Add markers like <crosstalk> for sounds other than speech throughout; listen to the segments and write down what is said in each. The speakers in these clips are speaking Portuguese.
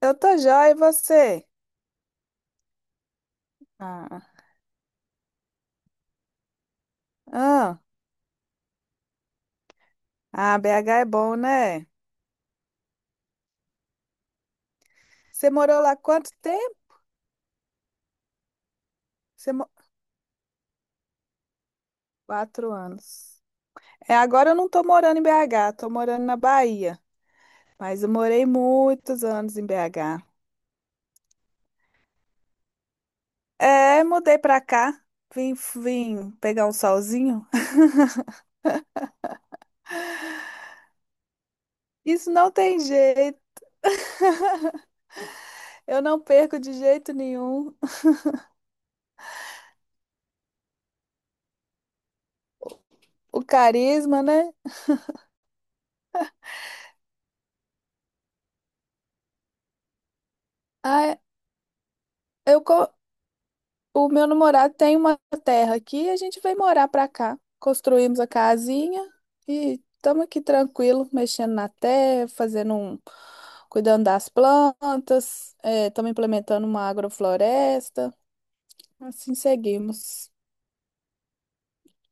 Eu tô jóia, e você? Ah, ah, ah, BH é bom, né? Você morou lá quanto tempo? Você mo- 4 anos. É, agora eu não tô morando em BH, tô morando na Bahia. Mas eu morei muitos anos em BH. É, mudei pra cá, vim pegar um solzinho. <laughs> Isso não tem jeito, <laughs> eu não perco de jeito nenhum. O carisma, né? Ah, eu, co- O meu namorado tem uma terra aqui, a gente veio morar pra cá. Construímos a casinha e estamos aqui tranquilo, mexendo na terra, cuidando das plantas, estamos implementando uma agrofloresta, assim seguimos.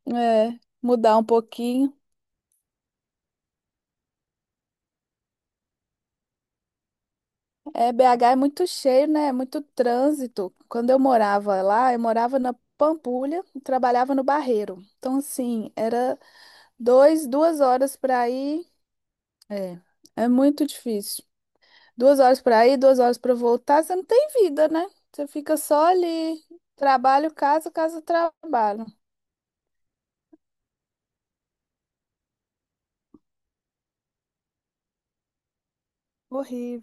É, mudar um pouquinho. É, BH é muito cheio, né? É muito trânsito. Quando eu morava lá, eu morava na Pampulha e trabalhava no Barreiro. Então, assim, era 2 horas para ir. É, é muito difícil. 2 horas pra ir, 2 horas pra voltar, você não tem vida, né? Você fica só ali, trabalho, casa, casa, trabalho. Horrível,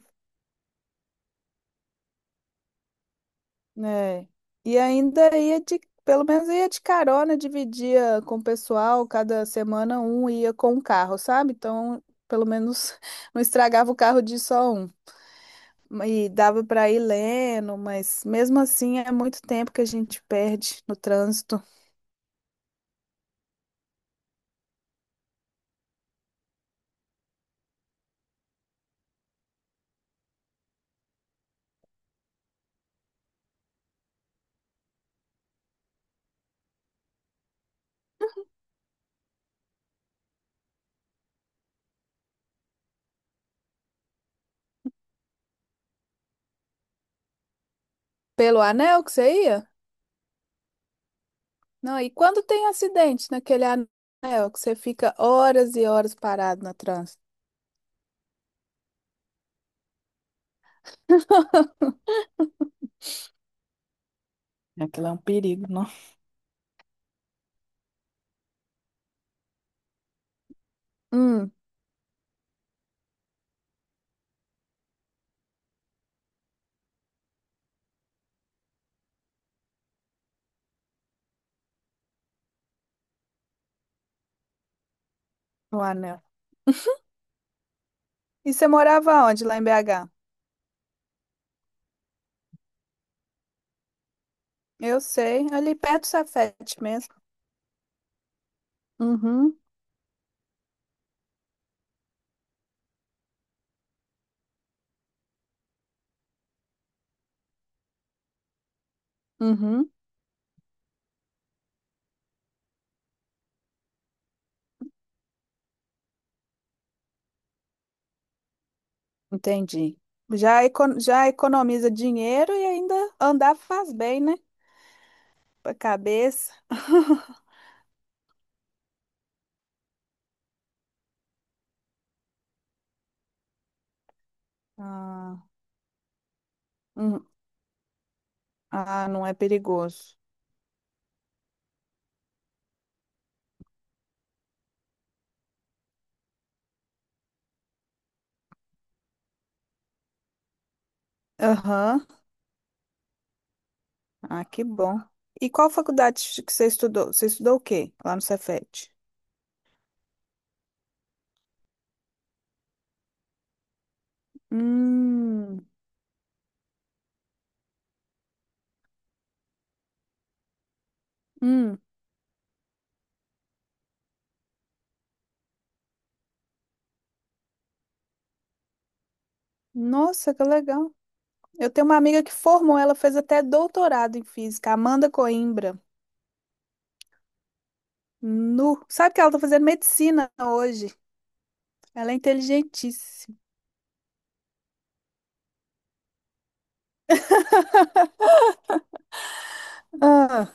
né? E ainda pelo menos ia de carona, dividia com o pessoal, cada semana um ia com um carro, sabe? Então, pelo menos <laughs> não estragava o carro de só um. E dava pra ir lendo, mas mesmo assim é muito tempo que a gente perde no trânsito. Pelo anel que você ia? Não, e quando tem acidente naquele anel, que você fica horas e horas parado no trânsito? Aquilo é um perigo, não? Hum, o anel. E você morava onde, lá em BH? Eu sei, ali perto do Safety mesmo. Uhum, uhum, entendi. Já economiza dinheiro e ainda andar faz bem, né? Pra cabeça. Ah, hum, ah, não é perigoso. Aham, ah, que bom. E qual faculdade que você estudou? Você estudou o quê lá no Cefet? Hum, hum. Nossa, que legal. Eu tenho uma amiga que formou, ela fez até doutorado em física, Amanda Coimbra. Nu. Sabe que ela tá fazendo medicina hoje? Ela é inteligentíssima. Ah,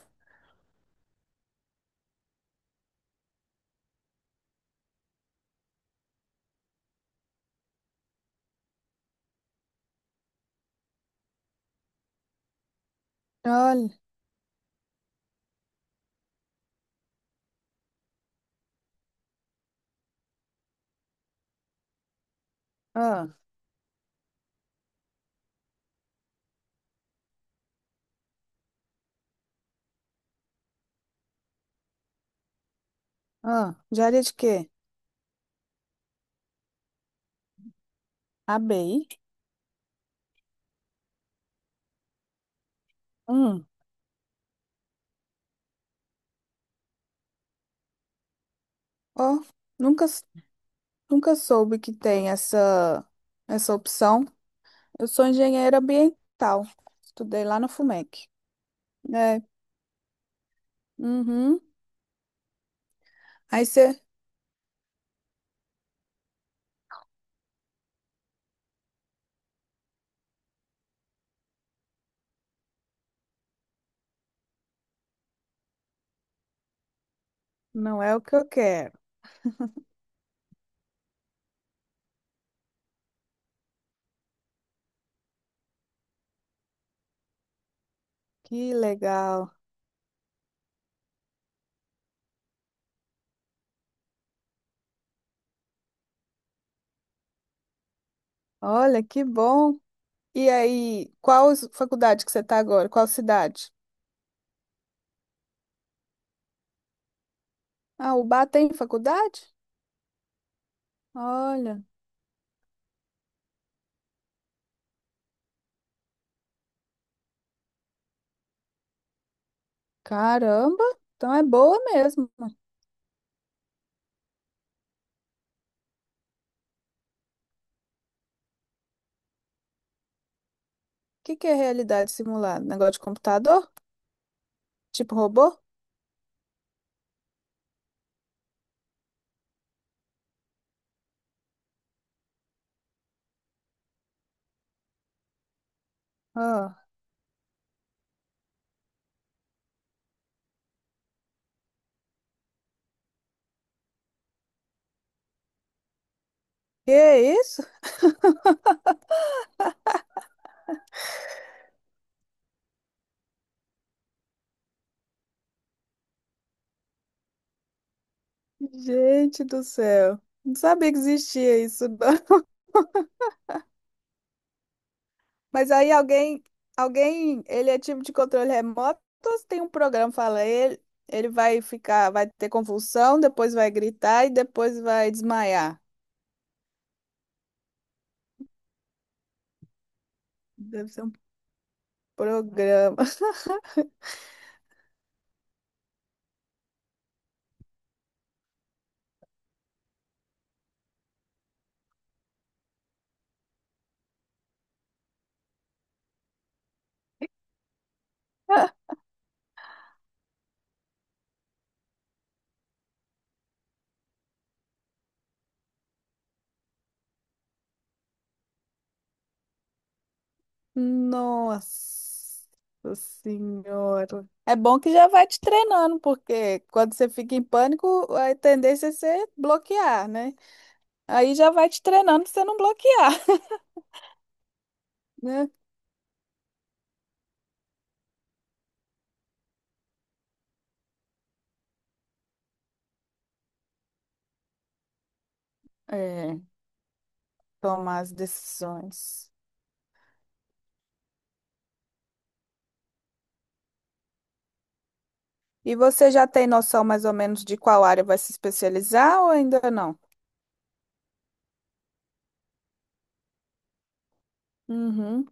olha. Ah, ah. Diária de quê? ABI? Hum. Ó, nunca, nunca soube que tem essa opção. Eu sou engenheira ambiental. Estudei lá no FUMEC. É. Uhum. Aí você. Não é o que eu quero. Que legal. Olha, que bom. E aí, faculdade que você está agora? Qual cidade? Ah, o Ubá tem faculdade? Olha, caramba. Então é boa mesmo. O que que é realidade simulada? Negócio de computador? Tipo robô? Ah, que isso? Gente do céu. Não sabia que existia isso, não. Mas aí alguém, ele é tipo de controle remoto, ou se tem um programa, fala ele vai ficar, vai ter convulsão, depois vai gritar e depois vai desmaiar. Deve ser um programa. <laughs> Nossa Senhora. É bom que já vai te treinando, porque quando você fica em pânico, a tendência é você bloquear, né? Aí já vai te treinando pra você não bloquear, <laughs> né? É, tomar as decisões. E você já tem noção mais ou menos de qual área vai se especializar ou ainda não? Uhum,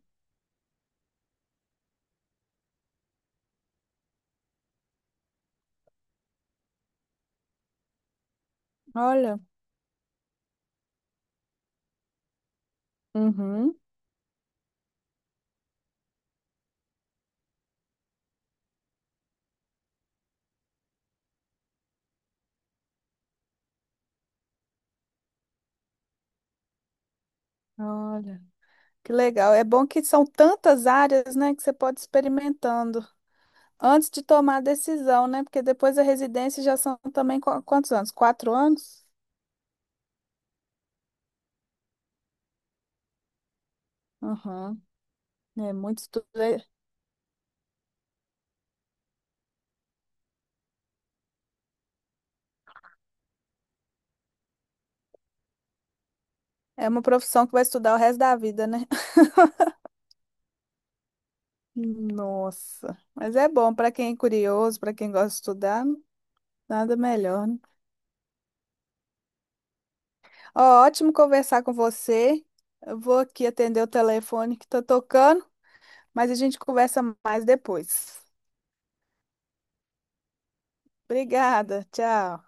olha, uhum, olha. Que legal. É bom que são tantas áreas, né, que você pode ir experimentando antes de tomar a decisão, né? Porque depois a residência já são também quantos anos? 4 anos? Uhum. É muito estudo. É uma profissão que vai estudar o resto da vida, né? <laughs> Nossa. Mas é bom para quem é curioso, para quem gosta de estudar, nada melhor, né? Ó, ótimo conversar com você. Eu vou aqui atender o telefone que tá tocando, mas a gente conversa mais depois. Obrigada, tchau.